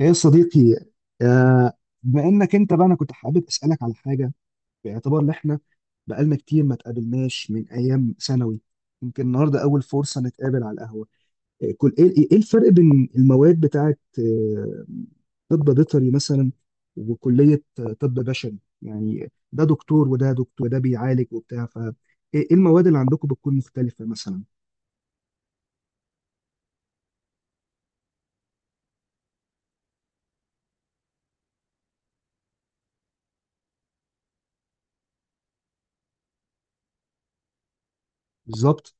ايه يا صديقي؟ آه. بانك انت بقى، انا كنت حابب اسالك على حاجه، باعتبار ان احنا بقالنا كتير ما تقابلناش من ايام ثانوي. يمكن النهارده اول فرصه نتقابل على القهوه. كل ايه ايه إيه الفرق بين المواد بتاعه، طب بيطري مثلا، وكليه، طب بشري، يعني ده دكتور وده دكتور وده بيعالج وبتاع فايه؟ المواد اللي عندكم بتكون مختلفه مثلا؟ بالظبط.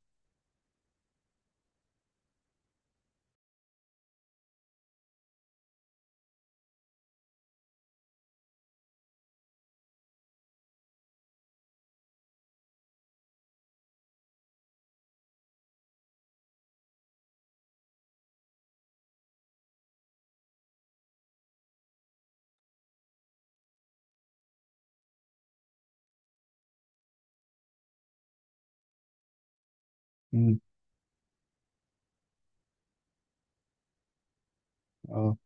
امم. اه،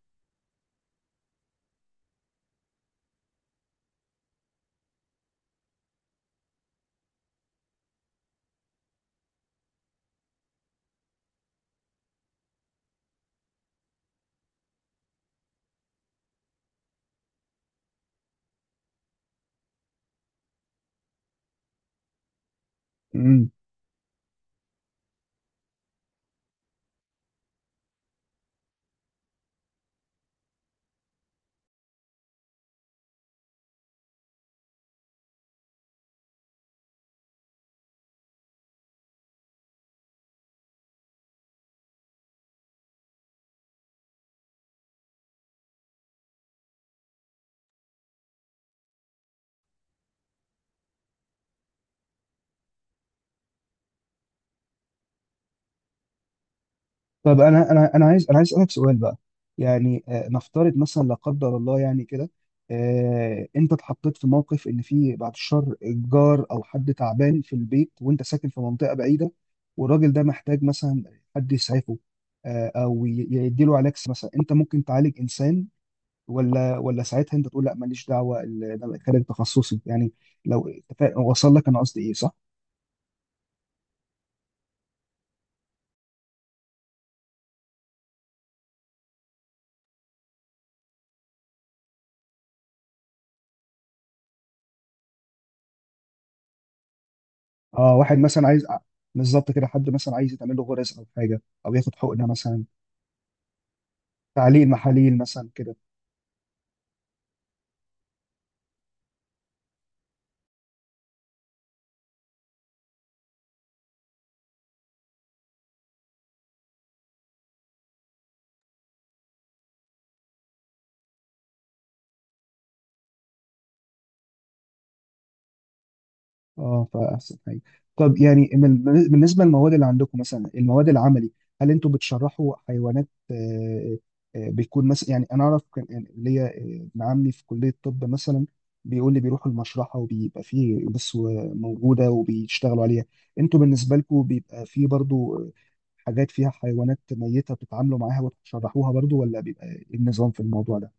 طب انا عايز اسالك سؤال بقى، يعني، نفترض مثلا لا قدر الله يعني كده، انت اتحطيت في موقف ان في بعد الشر جار او حد تعبان في البيت، وانت ساكن في منطقه بعيده، والراجل ده محتاج مثلا حد يسعفه، او يديله علاج مثلا. انت ممكن تعالج انسان ولا ساعتها انت تقول لا ماليش دعوه، ده خارج تخصصي يعني؟ لو وصل لك انا قصدي ايه، صح؟ اه، واحد مثلا عايز، بالظبط كده، حد مثلا عايز يتعمل له غرز او حاجه، او ياخد حقنه مثلا، تعليق محاليل مثلا كده. اه، فاحسن حاجه. طب يعني بالنسبه للمواد اللي عندكم، مثلا المواد العملي، هل انتوا بتشرحوا حيوانات؟ بيكون مثلا، يعني انا اعرف كان يعني ليا، ابن عمي في كليه الطب مثلا، بيقول لي بيروحوا المشرحه وبيبقى فيه بس موجوده وبيشتغلوا عليها. انتوا بالنسبه لكم بيبقى فيه برضو، حاجات فيها حيوانات ميته بتتعاملوا معاها وتشرحوها برضو، ولا بيبقى إيه النظام في الموضوع ده؟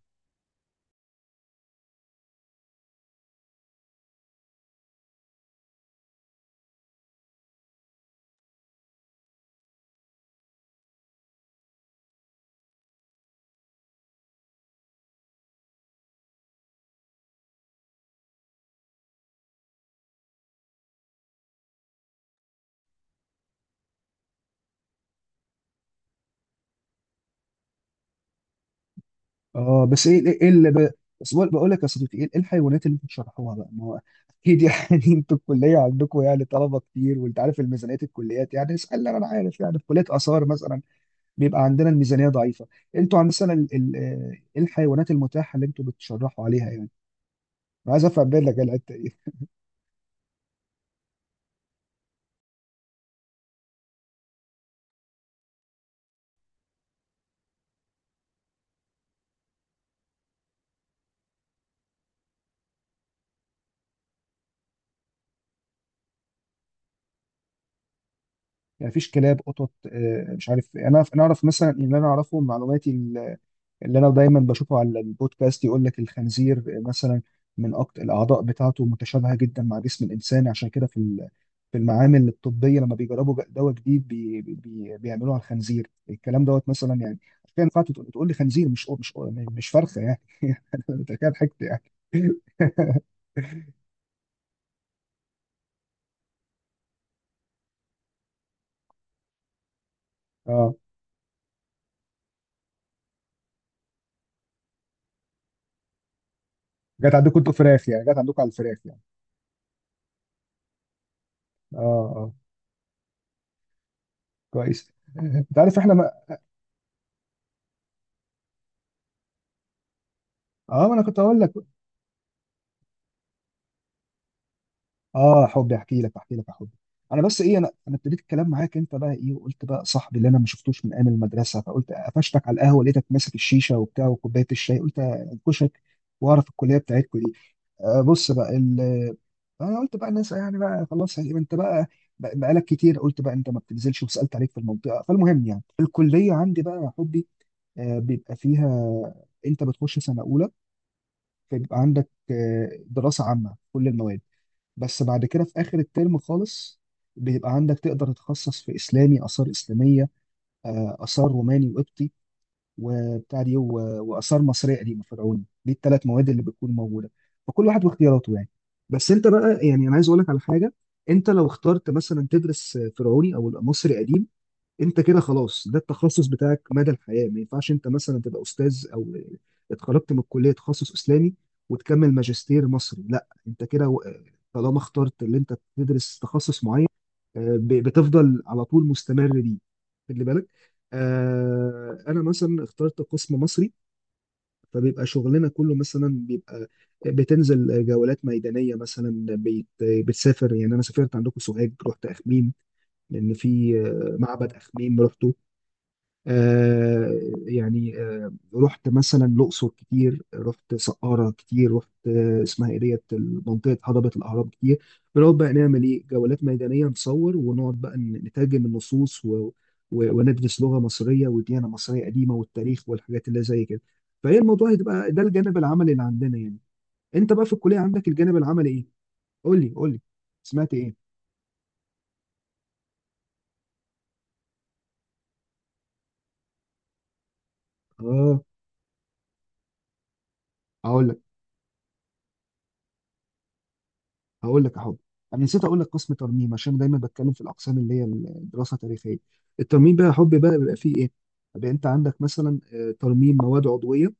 اه، بس بقول لك يا صديقي، إيه الحيوانات اللي انتوا بتشرحوها بقى؟ ما هو اكيد يعني انتوا الكليه عندكم يعني طلبه كتير، وانت عارف الميزانيات الكليات يعني. اسال، انا عارف يعني، في كليه اثار مثلا بيبقى عندنا الميزانيه ضعيفه. انتوا عند مثلا ال... ال... آه، إيه الحيوانات المتاحه اللي انتوا بتشرحوا عليها يعني؟ انا عايز افهم منك الحته دي. يعني مفيش كلاب، قطط، مش عارف انا. انا اعرف مثلا، اللي انا اعرفه من معلوماتي، اللي انا دايما بشوفه على البودكاست، يقول لك الخنزير مثلا من أكتر الاعضاء بتاعته متشابهه جدا مع جسم الانسان، عشان كده في المعامل الطبيه لما بيجربوا دواء جديد بي بي بيعملوه على الخنزير، الكلام دوت مثلا يعني. عشان كده ينفع تقول لي خنزير، مش فرخه يعني. انت كده ضحكت يعني. اه، جت عندكم انتوا فراخ يعني، جت عندكم على الفراخ يعني. اه، اه، كويس. انت عارف احنا ما... اه، ما انا كنت هقول لك. اه حبي، احكي لك احكي لك يا حبي. انا بس ايه، انا ابتديت الكلام معاك انت بقى، ايه، وقلت بقى صاحبي اللي انا ما شفتوش من ايام المدرسه، فقلت قفشتك على القهوه، لقيتك ماسك الشيشه وبتاع وكوبايه الشاي، قلت انكشك واعرف الكليه بتاعتكم دي. آه، بص بقى انا قلت بقى، الناس يعني بقى خلاص يعني، انت بقى بقالك كتير. قلت بقى انت ما بتنزلش، وسالت عليك في المنطقه. فالمهم يعني الكليه عندي بقى يا حبي، آه، بيبقى فيها، انت بتخش سنه اولى فبيبقى عندك آه دراسه عامه في كل المواد. بس بعد كده، في آخر الترم خالص، بيبقى عندك تقدر تتخصص في إسلامي، آثار إسلامية، آثار روماني وقبطي، وبتاع دي، وآثار مصرية قديمة فرعوني. دي الثلاث مواد اللي بتكون موجودة، فكل واحد واختياراته يعني. بس أنت بقى يعني، أنا عايز أقول لك على حاجة، أنت لو اخترت مثلا تدرس فرعوني أو مصري قديم، انت كده خلاص، ده التخصص بتاعك مدى الحياه. ما ينفعش انت مثلا تبقى استاذ، او اتخرجت من الكليه تخصص اسلامي وتكمل ماجستير مصري، لا انت كده. طالما اخترت اللي انت تدرس تخصص معين، بتفضل على طول مستمر بيه، خلي بالك. انا مثلا اخترت قسم مصري، فبيبقى شغلنا كله مثلا بيبقى بتنزل جولات ميدانيه. مثلا بيت، بتسافر يعني، انا سافرت عندكم سوهاج، رحت اخميم، لان في معبد اخميم. رحت آه، يعني، رحت مثلا الأقصر كتير، رحت سقارة كتير، رحت، اسمها ايه، ديت، منطقة هضبة الأهرام كتير. بنقعد بقى نعمل ايه، جولات ميدانية، نصور، ونقعد بقى نترجم النصوص، وندرس لغة مصرية، وديانة مصرية قديمة، والتاريخ، والحاجات اللي زي كده. فهي الموضوع هتبقى ده الجانب العملي اللي عندنا يعني. انت بقى في الكلية، عندك الجانب العملي ايه؟ قول لي قول لي، سمعت ايه؟ اه، هقول لك هقول لك يا حب. انا نسيت اقول لك قسم ترميم، عشان دايما بتكلم في الاقسام اللي هي الدراسه التاريخيه. الترميم بقى يا حب، بقى بيبقى فيه ايه. بيبقى انت عندك مثلا، ترميم مواد عضويه،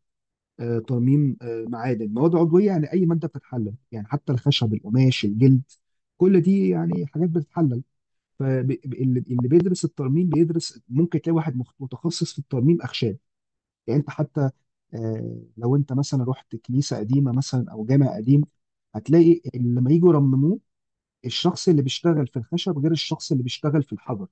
ترميم، معادن، مواد عضويه يعني اي ماده بتتحلل، يعني حتى الخشب، القماش، الجلد، كل دي يعني حاجات بتتحلل. فاللي اللي بيدرس الترميم بيدرس، ممكن تلاقي واحد متخصص في الترميم اخشاب يعني. انت حتى، لو انت مثلا رحت كنيسه قديمه مثلا او جامع قديم، هتلاقي اللي لما يجوا يرمموه، الشخص اللي بيشتغل في الخشب غير الشخص اللي بيشتغل في الحجر.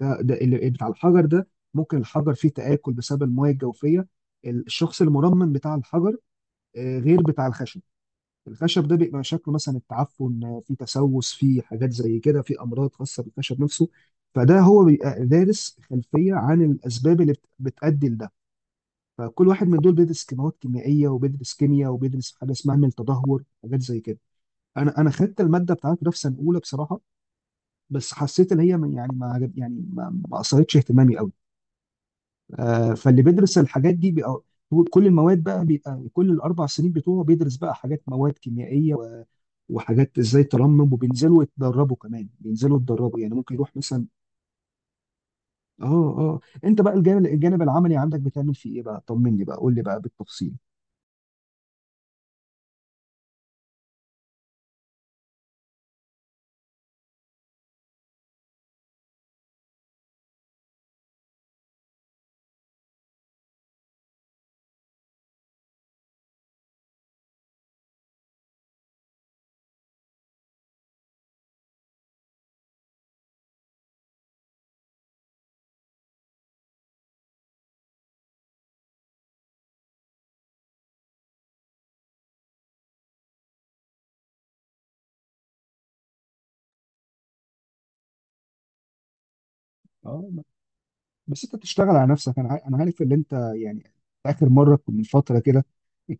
ده اللي بتاع الحجر ده، ممكن الحجر فيه تآكل بسبب المياه الجوفية. الشخص المرمم بتاع الحجر، غير بتاع الخشب. الخشب ده بيبقى شكله مثلا التعفن، فيه تسوس، فيه حاجات زي كده، فيه أمراض خاصة بالخشب نفسه. فده هو بيبقى دارس خلفية عن الأسباب اللي بتؤدي لده. فكل واحد من دول بيدرس كيماوات كيميائية، وبيدرس كيمياء، وبيدرس حاجة اسمها عمل تدهور، حاجات زي كده. انا خدت الماده بتاعت في سنه اولى بصراحه، بس حسيت ان هي يعني ما عجب يعني، ما اثرتش اهتمامي قوي. فاللي بيدرس الحاجات دي بيبقى كل المواد بقى، بيبقى كل الاربع سنين بتوعه بيدرس بقى حاجات مواد كيميائيه وحاجات ازاي ترمم، وبينزلوا يتدربوا كمان، بينزلوا يتدربوا يعني، ممكن يروح مثلا. اه، اه، انت بقى الجانب العملي عندك بتعمل فيه ايه بقى؟ طمني بقى، قول لي بقى بالتفصيل. اه بس انت بتشتغل على نفسك، انا انا عارف ان انت يعني، اخر مره من فتره كده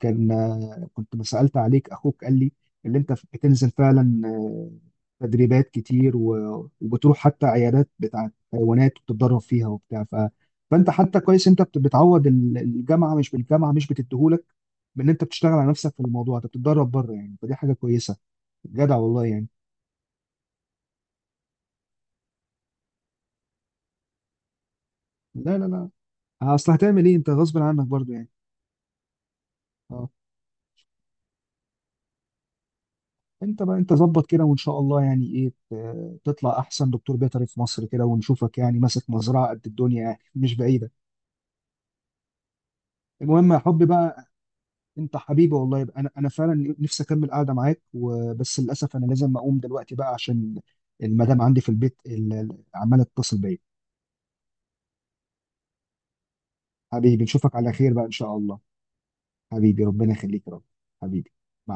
كان، كنت ما سالت عليك اخوك قال لي اللي انت بتنزل فعلا، تدريبات كتير، وبتروح حتى عيادات بتاعت حيوانات وبتتدرب فيها، وبتاع فانت حتى كويس، انت بتعوض الجامعه مش بالجامعه مش بتديهولك، بان انت بتشتغل على نفسك في الموضوع، انت بتتدرب بره يعني، فدي حاجه كويسه، جدع والله يعني. لا، لا، لا، اصل هتعمل ايه، انت غصب عنك برضو يعني. اه، انت بقى انت ظبط كده، وان شاء الله يعني ايه تطلع احسن دكتور بيطري في مصر كده، ونشوفك يعني ماسك مزرعه قد الدنيا يعني مش بعيده. المهم يا حبي بقى، انت حبيبي والله، يبقى انا فعلا نفسي اكمل قاعده معاك، وبس للاسف انا لازم اقوم دلوقتي بقى، عشان المدام عندي في البيت عماله تتصل بيا. حبيبي، نشوفك على خير بقى ان شاء الله. حبيبي، ربنا يخليك يا رب. حبيبي. مع